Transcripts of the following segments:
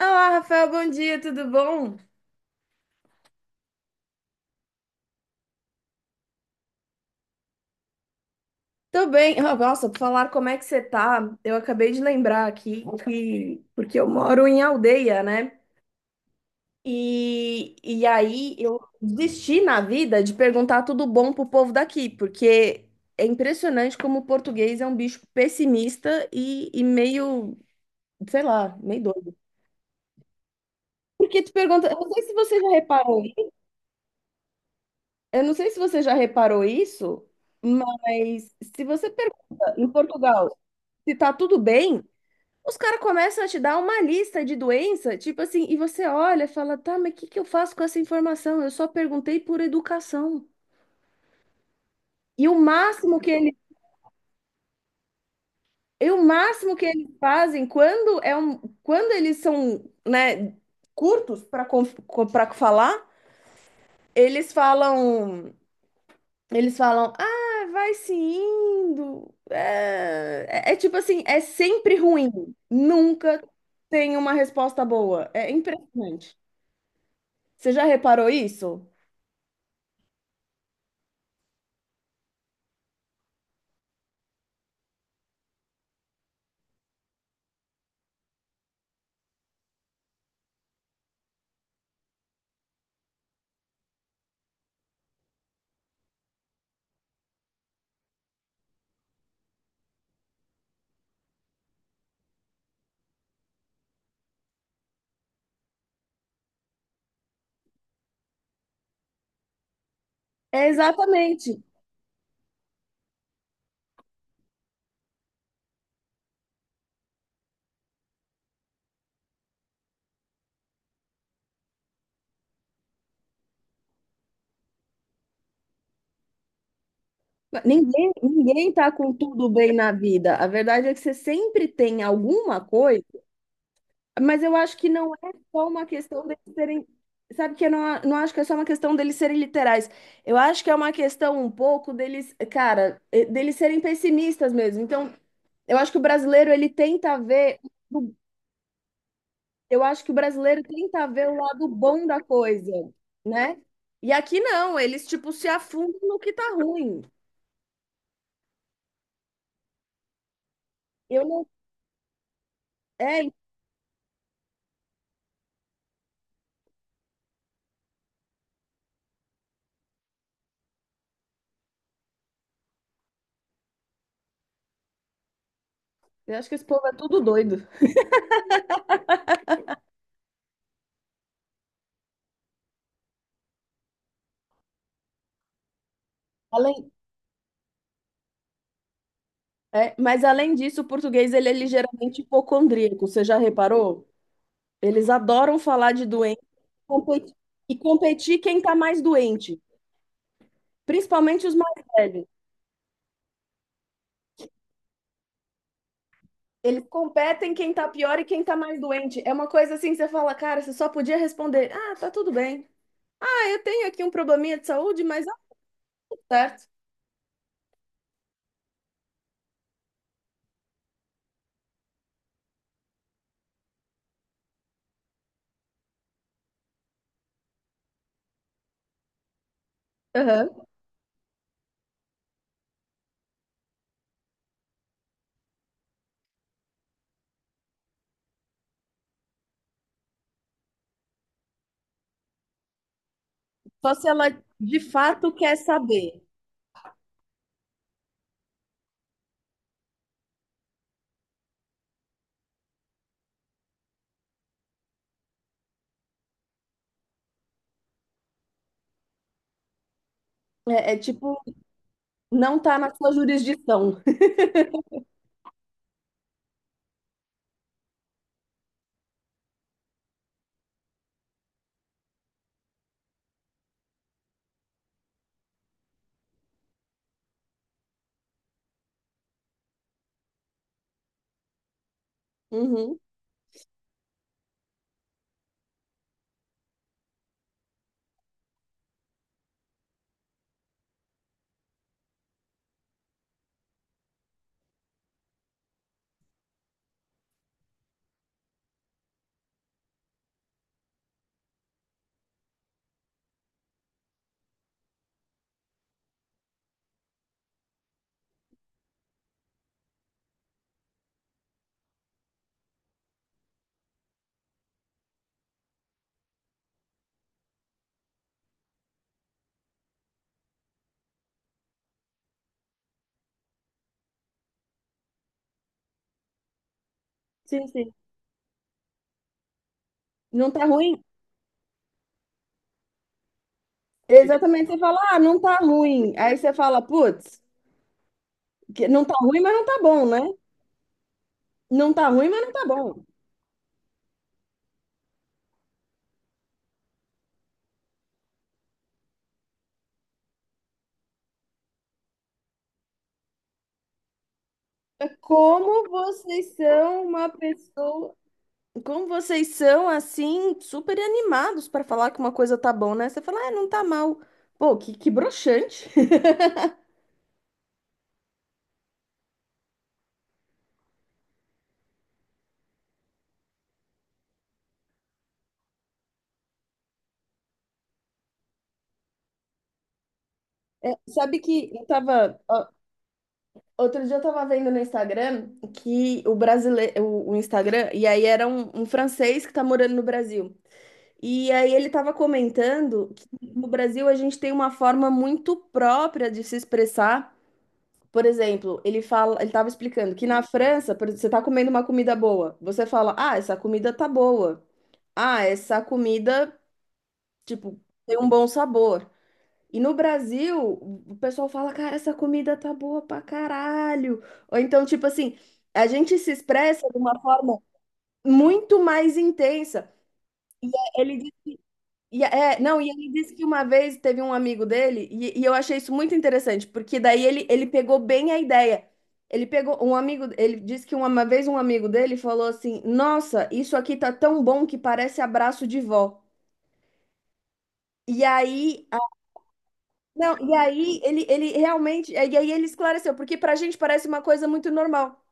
Olá, Rafael, bom dia, tudo bom? Tô bem. Ah, nossa, por falar como é que você tá, eu acabei de lembrar aqui que. Porque eu moro em aldeia, né? E aí eu desisti na vida de perguntar tudo bom pro povo daqui, porque é impressionante como o português é um bicho pessimista e meio, sei lá, meio doido. Porque tu pergunta... Eu não sei se você já reparou... Eu não sei se você já reparou isso, mas se você pergunta em Portugal se tá tudo bem, os caras começam a te dar uma lista de doença, tipo assim, e você olha e fala, tá, mas o que que eu faço com essa informação? Eu só perguntei por educação. E o máximo que ele, e o máximo que eles fazem quando é um, quando eles são, né, curtos para falar, eles falam, eles falam, ah, vai se indo. É, tipo assim, é sempre ruim. Nunca tem uma resposta boa. É impressionante. Você já reparou isso? É exatamente. Ninguém tá com tudo bem na vida. A verdade é que você sempre tem alguma coisa, mas eu acho que não é só uma questão deles serem. Sabe que eu não, a- não acho que é só uma questão deles serem literais. Eu acho que é uma questão um pouco deles, cara, deles serem pessimistas mesmo. Então, eu acho que o brasileiro ele tenta ver eu acho que o brasileiro tenta ver o lado bom da coisa, né? E aqui não, eles tipo se afundam no que tá ruim. Eu não, é, eu acho que esse povo é tudo doido. Além, é, mas além disso, o português ele é ligeiramente hipocondríaco, você já reparou? Eles adoram falar de doente competir- e competir quem tá mais doente, principalmente os mais velhos. Eles competem quem tá pior e quem tá mais doente. É uma coisa assim, que você fala, cara, você só podia responder, ah, tá tudo bem. Eu tenho aqui um probleminha de saúde, mas é tudo certo. Aham. Só se ela de fato quer saber. É, é tipo, não tá na sua jurisdição. Uhum. Sim, sim. Não tá ruim? Exatamente, você fala, ah, não tá ruim. Aí você fala, putz, que não tá ruim, mas não tá bom, né? Não tá ruim, mas não tá bom. É, como vocês são uma pessoa. Como vocês são assim, super animados para falar que uma coisa tá bom, né? Você fala, ah, não tá mal. Pô, que broxante. Sabe que eu tava. Ó, outro dia eu tava vendo no Instagram que o brasileiro. O Instagram, e aí era um francês que tá morando no Brasil. E aí ele tava comentando que no Brasil a gente tem uma forma muito própria de se expressar. Por exemplo, ele tava explicando que na França, por exemplo, você tá comendo uma comida boa, você fala, ah, essa comida tá boa. Ah, essa comida, tipo, tem um bom sabor. E no Brasil, o pessoal fala, cara, essa comida tá boa pra caralho. Ou então, tipo assim, a gente se expressa de uma forma muito mais intensa. Ele diz, e é, não, e ele disse que uma vez teve um amigo dele, e eu achei isso muito interessante, porque daí ele pegou bem a ideia. Ele pegou um amigo, ele disse que uma vez um amigo dele falou assim: nossa, isso aqui tá tão bom que parece abraço de vó. E aí, não, e aí ele esclareceu, porque pra gente parece uma coisa muito normal,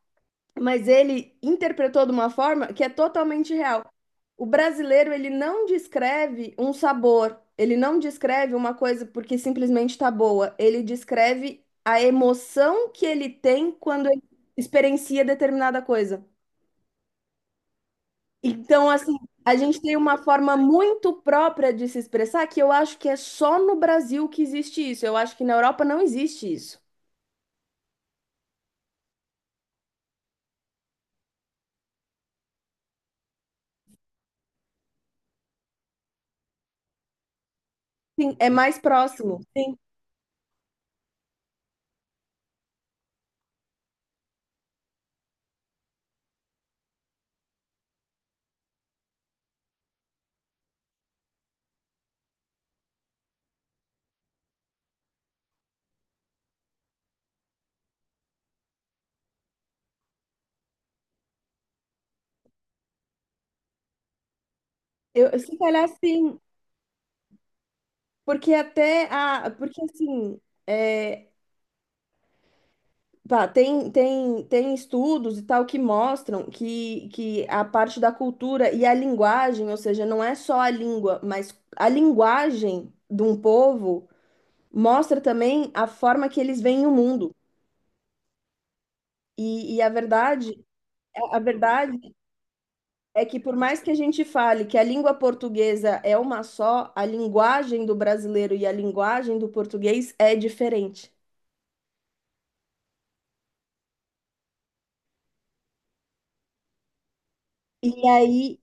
mas ele interpretou de uma forma que é totalmente real. O brasileiro, ele não descreve um sabor, ele não descreve uma coisa porque simplesmente tá boa, ele descreve a emoção que ele tem quando ele experiencia determinada coisa. Então, assim, a gente tem uma forma muito própria de se expressar que eu acho que é só no Brasil que existe isso. Eu acho que na Europa não existe isso. Sim, é mais próximo. Sim, eu se calhar sim, porque assim, é, pá, tem estudos e tal que mostram que a parte da cultura e a linguagem, ou seja, não é só a língua, mas a linguagem de um povo mostra também a forma que eles veem o mundo. E a verdade é que por mais que a gente fale que a língua portuguesa é uma só, a linguagem do brasileiro e a linguagem do português é diferente. E aí,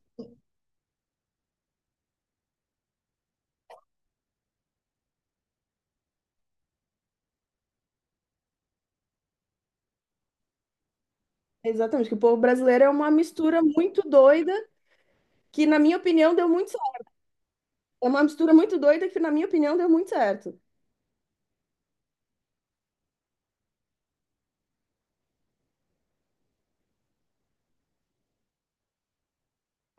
exatamente, que o povo brasileiro é uma mistura muito doida, que na minha opinião deu muito certo. É uma mistura muito doida que na minha opinião deu muito certo.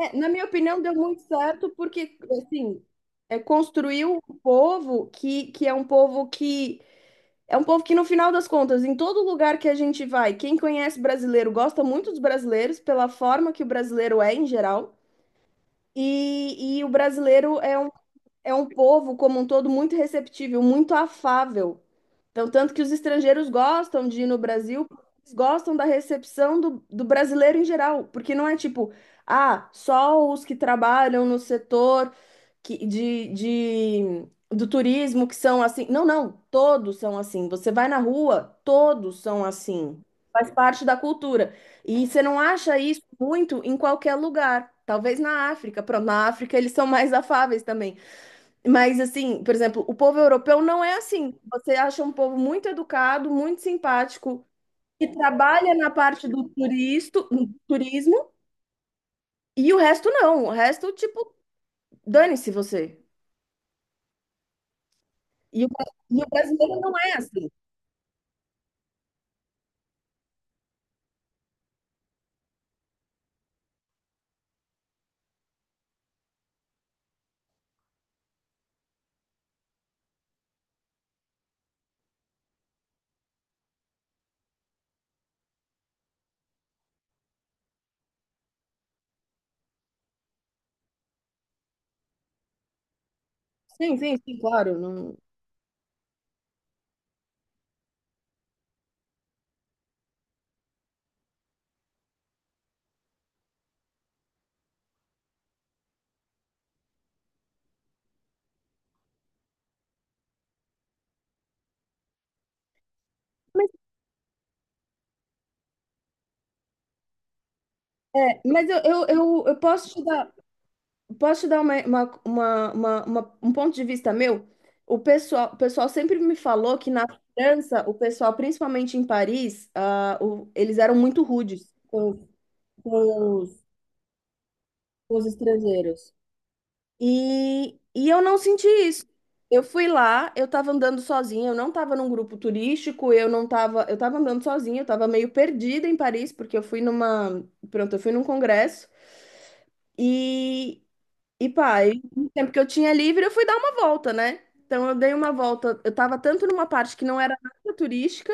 É, na minha opinião deu muito certo porque, assim, é, construiu um povo que, no final das contas, em todo lugar que a gente vai, quem conhece brasileiro gosta muito dos brasileiros, pela forma que o brasileiro é em geral. E o brasileiro é um, povo, como um todo, muito receptível, muito afável. Então, tanto que os estrangeiros gostam de ir no Brasil, eles gostam da recepção do brasileiro em geral, porque não é tipo, ah, só os que trabalham no setor do turismo que são assim. Não, não, todos são assim. Você vai na rua, todos são assim. Faz parte da cultura. E você não acha isso muito em qualquer lugar. Talvez na África. Pronto, na África eles são mais afáveis também. Mas assim, por exemplo, o povo europeu não é assim. Você acha um povo muito educado, muito simpático. Que trabalha na parte do turismo, e o resto não. O resto, tipo, dane-se você. E o brasileiro não é assim. Sim, sim, sim, claro. Não. Mas, mas, eu posso te dar um ponto de vista meu. O pessoal sempre me falou que na França, o pessoal, principalmente em Paris, ah, eles eram muito rudes com os, com os estrangeiros. E eu não senti isso. Eu fui lá, eu tava andando sozinha, eu não tava num grupo turístico, eu não tava, eu tava andando sozinha, eu tava meio perdida em Paris, porque pronto, eu fui num congresso e, e pá, e no tempo que eu tinha livre, eu fui dar uma volta, né? Então eu dei uma volta, eu tava tanto numa parte que não era nada turística,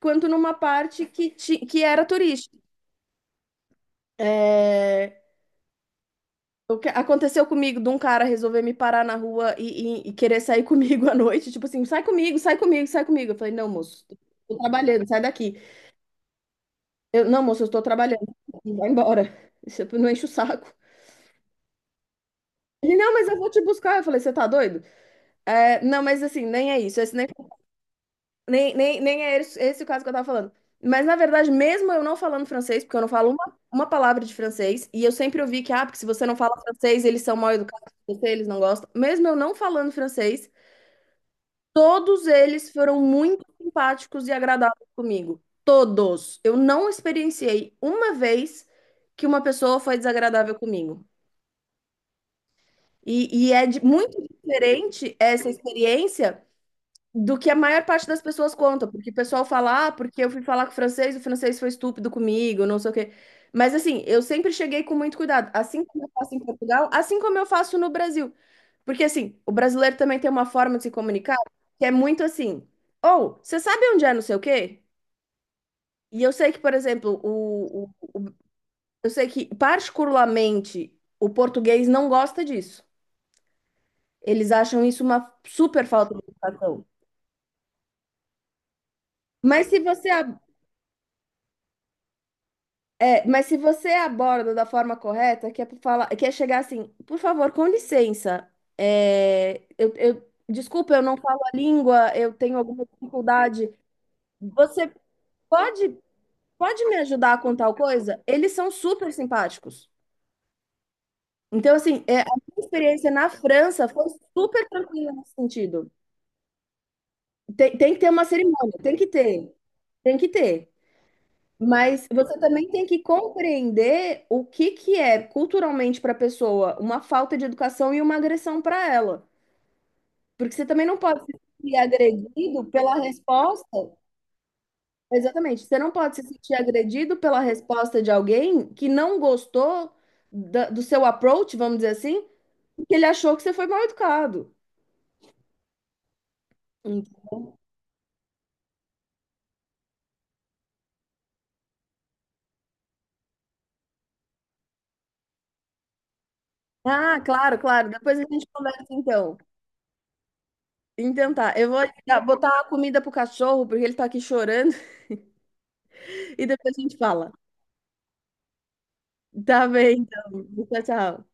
quanto numa parte que era turística. É. O que aconteceu comigo de um cara resolver me parar na rua e querer sair comigo à noite, tipo assim, sai comigo, sai comigo, sai comigo. Eu falei, não, moço, tô trabalhando, sai daqui. Eu, não, moço, eu estou trabalhando, vai embora. Isso não enche o saco. Ele, não, mas eu vou te buscar. Eu falei, você tá doido? É, não, mas assim, nem é isso. Esse nem é esse o caso que eu tava falando. Mas, na verdade, mesmo eu não falando francês, porque eu não falo uma palavra de francês, e eu sempre ouvi que, ah, porque se você não fala francês, eles são mal educados com você, eles não gostam. Mesmo eu não falando francês, todos eles foram muito simpáticos e agradáveis comigo. Todos. Eu não experienciei uma vez que uma pessoa foi desagradável comigo. E é muito diferente essa experiência do que a maior parte das pessoas conta, porque o pessoal fala, ah, porque eu fui falar com o francês foi estúpido comigo, não sei o quê. Mas assim, eu sempre cheguei com muito cuidado, assim como eu faço em Portugal, assim como eu faço no Brasil. Porque assim, o brasileiro também tem uma forma de se comunicar que é muito assim, ou você sabe onde é não sei o quê? E eu sei que, por exemplo, o- eu sei que particularmente o português não gosta disso. Eles acham isso uma super falta de educação. Mas se você ab- mas se você aborda da forma correta, que é pra falar, que é chegar assim, por favor, com licença, desculpa, eu não falo a língua, eu tenho alguma dificuldade. Você Pode pode me ajudar com tal coisa? Eles são super simpáticos. Então, assim, é, a minha experiência na França foi super tranquila nesse sentido. Tem que ter uma cerimônia, tem que ter, tem que ter. Mas você também tem que compreender o que que é culturalmente para a pessoa uma falta de educação e uma agressão para ela. Porque você também não pode ser agredido pela resposta. Exatamente. Você não pode se sentir agredido pela resposta de alguém que não gostou do seu approach, vamos dizer assim, porque ele achou que você foi mal educado. Ent- Ah, claro, claro. Depois a gente conversa então. Então tá, eu vou botar a comida pro cachorro, porque ele tá aqui chorando, e depois a gente fala. Tá bem, então. Tchau, tchau.